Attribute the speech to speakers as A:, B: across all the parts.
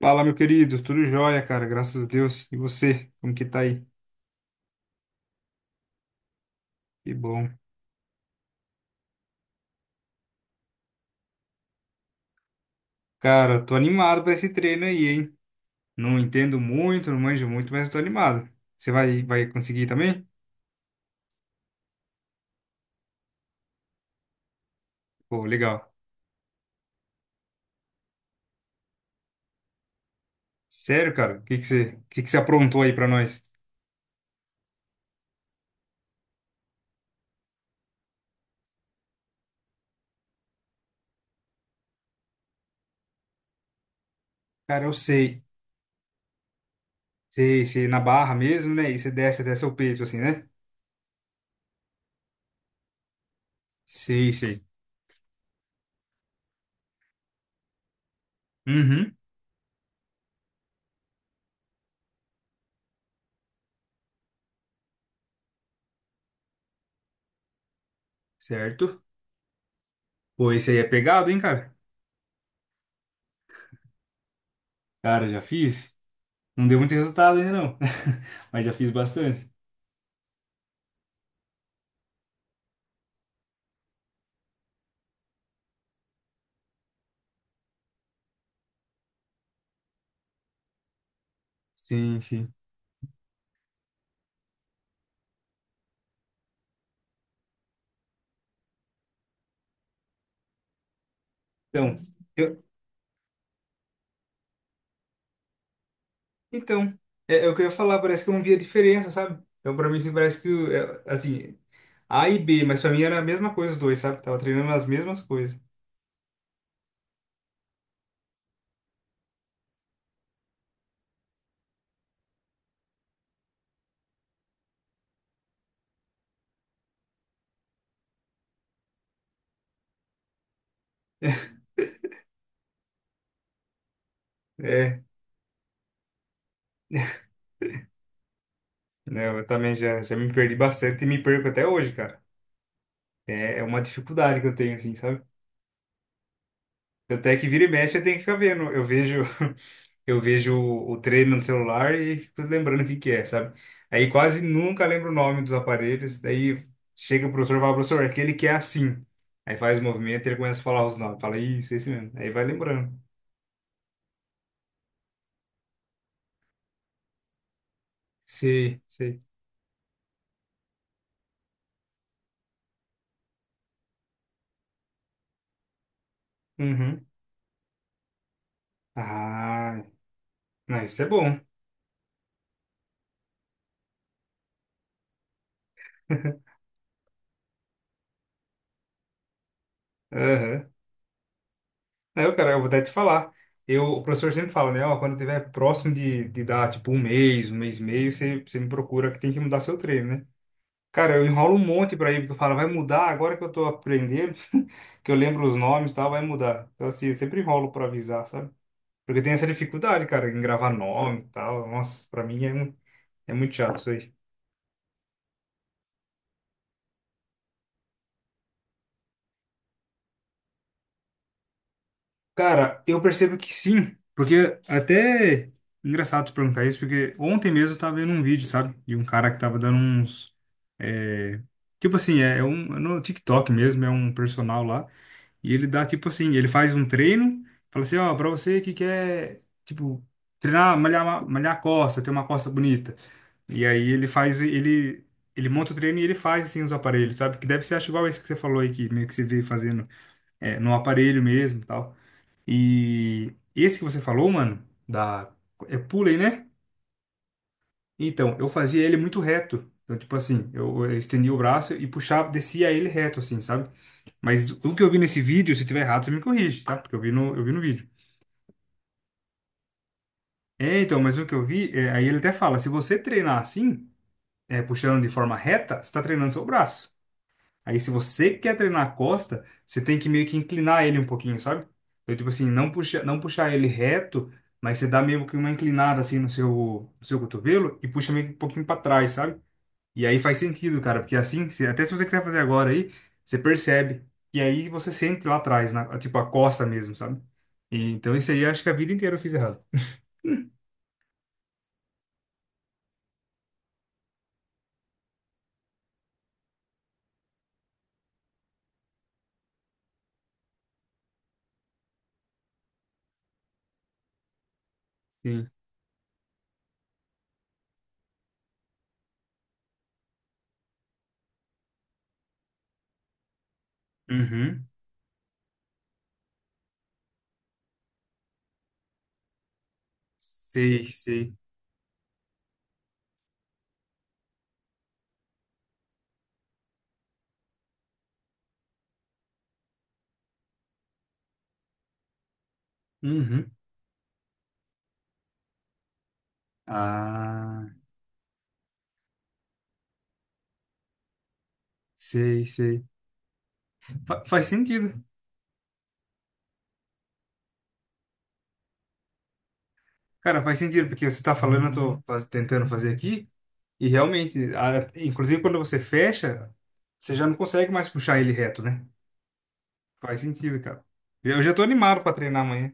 A: Fala, meu querido, tudo jóia, cara, graças a Deus. E você, como que tá aí? Que bom. Cara, tô animado pra esse treino aí, hein? Não entendo muito, não manjo muito, mas tô animado. Você vai conseguir também? Pô, legal. Sério, cara, o que que você aprontou aí pra nós? Cara, eu sei. Sei, na barra mesmo, né? E você desce até seu peito, assim, né? Sei, sei. Uhum, certo. Pô, esse aí é pegado, hein, cara? Cara, já fiz. Não deu muito resultado ainda, não. Mas já fiz bastante. Sim, sim. Então, eu, então é, é o que eu ia falar, parece que eu não via diferença, sabe? Então, pra mim, assim, parece que, o- é, assim, A e B, mas pra mim era a mesma coisa os dois, sabe? Tava treinando as mesmas coisas. É, né, eu também já me perdi bastante e me perco até hoje, cara. É, é uma dificuldade que eu tenho, assim, sabe? Tanto é que vira e mexe, eu tenho que ficar vendo. Eu vejo, eu vejo o treino no celular e fico lembrando o que que é, sabe? Aí quase nunca lembro o nome dos aparelhos. Daí chega o professor e fala, professor, aquele que é assim. Aí faz o movimento e ele começa a falar os nomes. Fala, isso, esse mesmo. Aí vai lembrando. Sei, sei. Uhum. Ah, não, isso é bom. Aham. Não, cara, eu vou até te falar. Eu, o professor sempre fala, né? Ó, quando tiver próximo de dar, tipo, um mês e meio, você me procura que tem que mudar seu treino, né? Cara, eu enrolo um monte pra ir, porque eu falo, vai mudar agora que eu tô aprendendo, que eu lembro os nomes e tal, vai mudar. Então, assim, eu sempre enrolo pra avisar, sabe? Porque tem essa dificuldade, cara, em gravar nome e tal. Nossa, pra mim é, um- é muito chato isso aí. Cara, eu percebo que sim, porque até engraçado te perguntar isso, porque ontem mesmo eu tava vendo um vídeo, sabe? De um cara que tava dando uns. é, Tipo assim, No TikTok mesmo, é um personal lá. E ele dá, tipo assim, ele faz um treino, fala assim, ó, pra você que quer, tipo, treinar, malhar a costa, ter uma costa bonita. E aí ele monta o treino e ele faz, assim, os aparelhos, sabe? Que deve ser, acho, igual esse que você falou aí, que meio que você vê fazendo é, no aparelho mesmo e tal. E esse que você falou, mano, da... É pulley, né? Então, eu fazia ele muito reto. Então, tipo assim, eu estendia o braço e puxava, descia ele reto, assim, sabe? Mas o que eu vi nesse vídeo, se tiver errado, você me corrige, tá? Porque eu vi no vídeo. É, então, mas o que eu vi, é, aí ele até fala, se você treinar assim, é, puxando de forma reta, você está treinando seu braço. Aí se você quer treinar a costa, você tem que meio que inclinar ele um pouquinho, sabe? Então, tipo assim, não puxar ele reto, mas você dá meio que uma inclinada assim no seu cotovelo e puxa meio que um pouquinho para trás, sabe? E aí faz sentido, cara, porque assim, se- até se você quiser fazer agora aí, você percebe. E aí você sente lá atrás, na, tipo a costa mesmo, sabe? Então isso aí eu acho que a vida inteira eu fiz errado. Sim. Uhum. Sei, sei. Uhum. Ah, sei, sei. Fa- faz sentido. Cara, faz sentido, porque você tá falando, eu tô faz- tentando fazer aqui, e realmente, a- inclusive quando você fecha, você já não consegue mais puxar ele reto, né? Faz sentido, cara. Eu já tô animado pra treinar amanhã.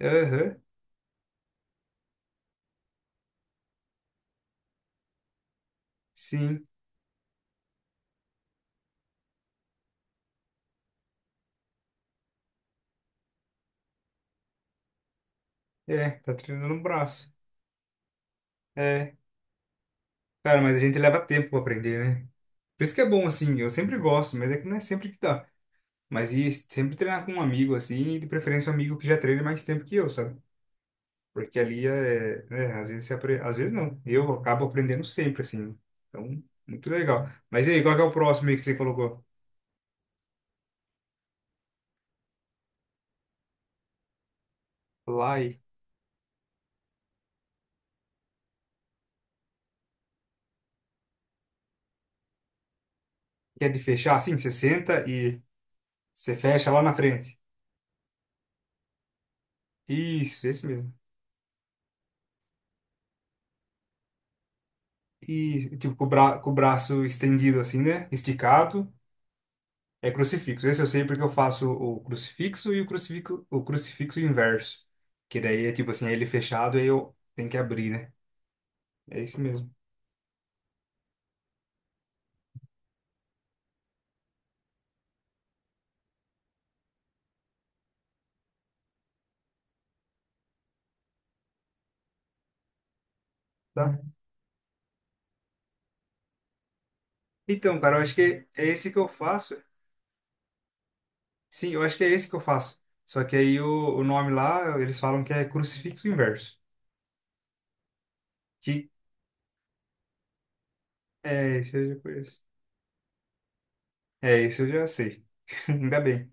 A: Aham, sim. É, tá treinando o braço. É. Cara, mas a gente leva tempo pra aprender, né? Por isso que é bom, assim, eu sempre gosto, mas é que não é sempre que dá. Mas e sempre treinar com um amigo, assim, e de preferência um amigo que já treina mais tempo que eu, sabe? Porque ali é, né, às vezes você apre... às vezes não. Eu acabo aprendendo sempre, assim. Então, muito legal. Mas e aí, qual que é o próximo aí que você colocou? Lá e que é de fechar, assim, você senta e você fecha lá na frente. Isso, esse mesmo. E tipo, com o bra... com o braço estendido, assim, né? Esticado. É crucifixo. Esse eu sei porque eu faço o crucifixo o crucifixo inverso. Que daí é tipo assim, é ele fechado, aí eu tenho que abrir, né? É esse mesmo, tá? Uhum. Então, cara, eu acho que é esse que eu faço. Sim, eu acho que é esse que eu faço. Só que aí o nome lá, eles falam que é crucifixo inverso. Que é esse eu já conheço. É esse eu já sei. Ainda bem.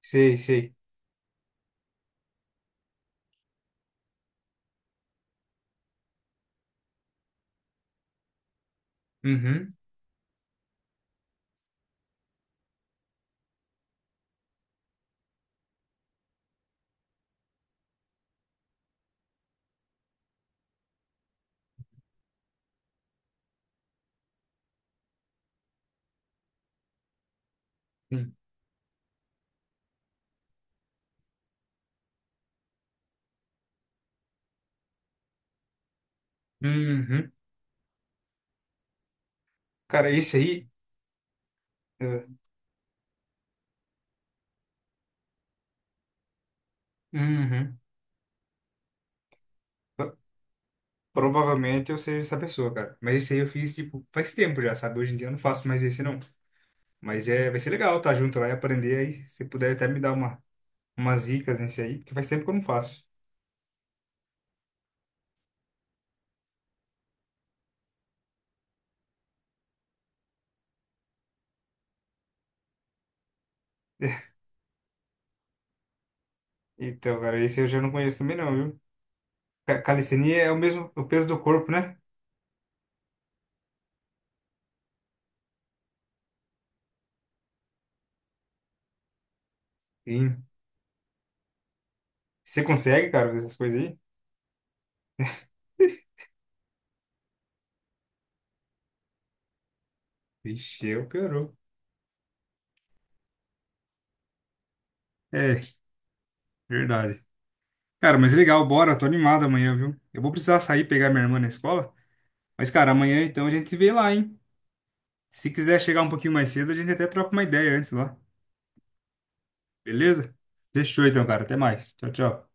A: Sei, sei. Uhum. sim. Uhum. Cara, esse aí. É, Uhum. Provavelmente eu seja essa pessoa, cara. Mas esse aí eu fiz, tipo, faz tempo já, sabe? Hoje em dia eu não faço mais esse, não. Mas é, vai ser legal tá junto lá e aprender aí. Se puder até me dar umas dicas nesse aí, porque faz tempo que eu não faço. Então, cara, esse eu já não conheço também não, viu? Ca- Calistenia é o mesmo, o peso do corpo, né? Sim. Você consegue, cara, fazer essas coisas aí? Vixe, eu piorou. É, verdade. Cara, mas legal, bora. Tô animado amanhã, viu? Eu vou precisar sair pegar minha irmã na escola. Mas, cara, amanhã então a gente se vê lá, hein? Se quiser chegar um pouquinho mais cedo, a gente até troca uma ideia antes lá. Beleza? Fechou então, cara. Até mais. Tchau, tchau.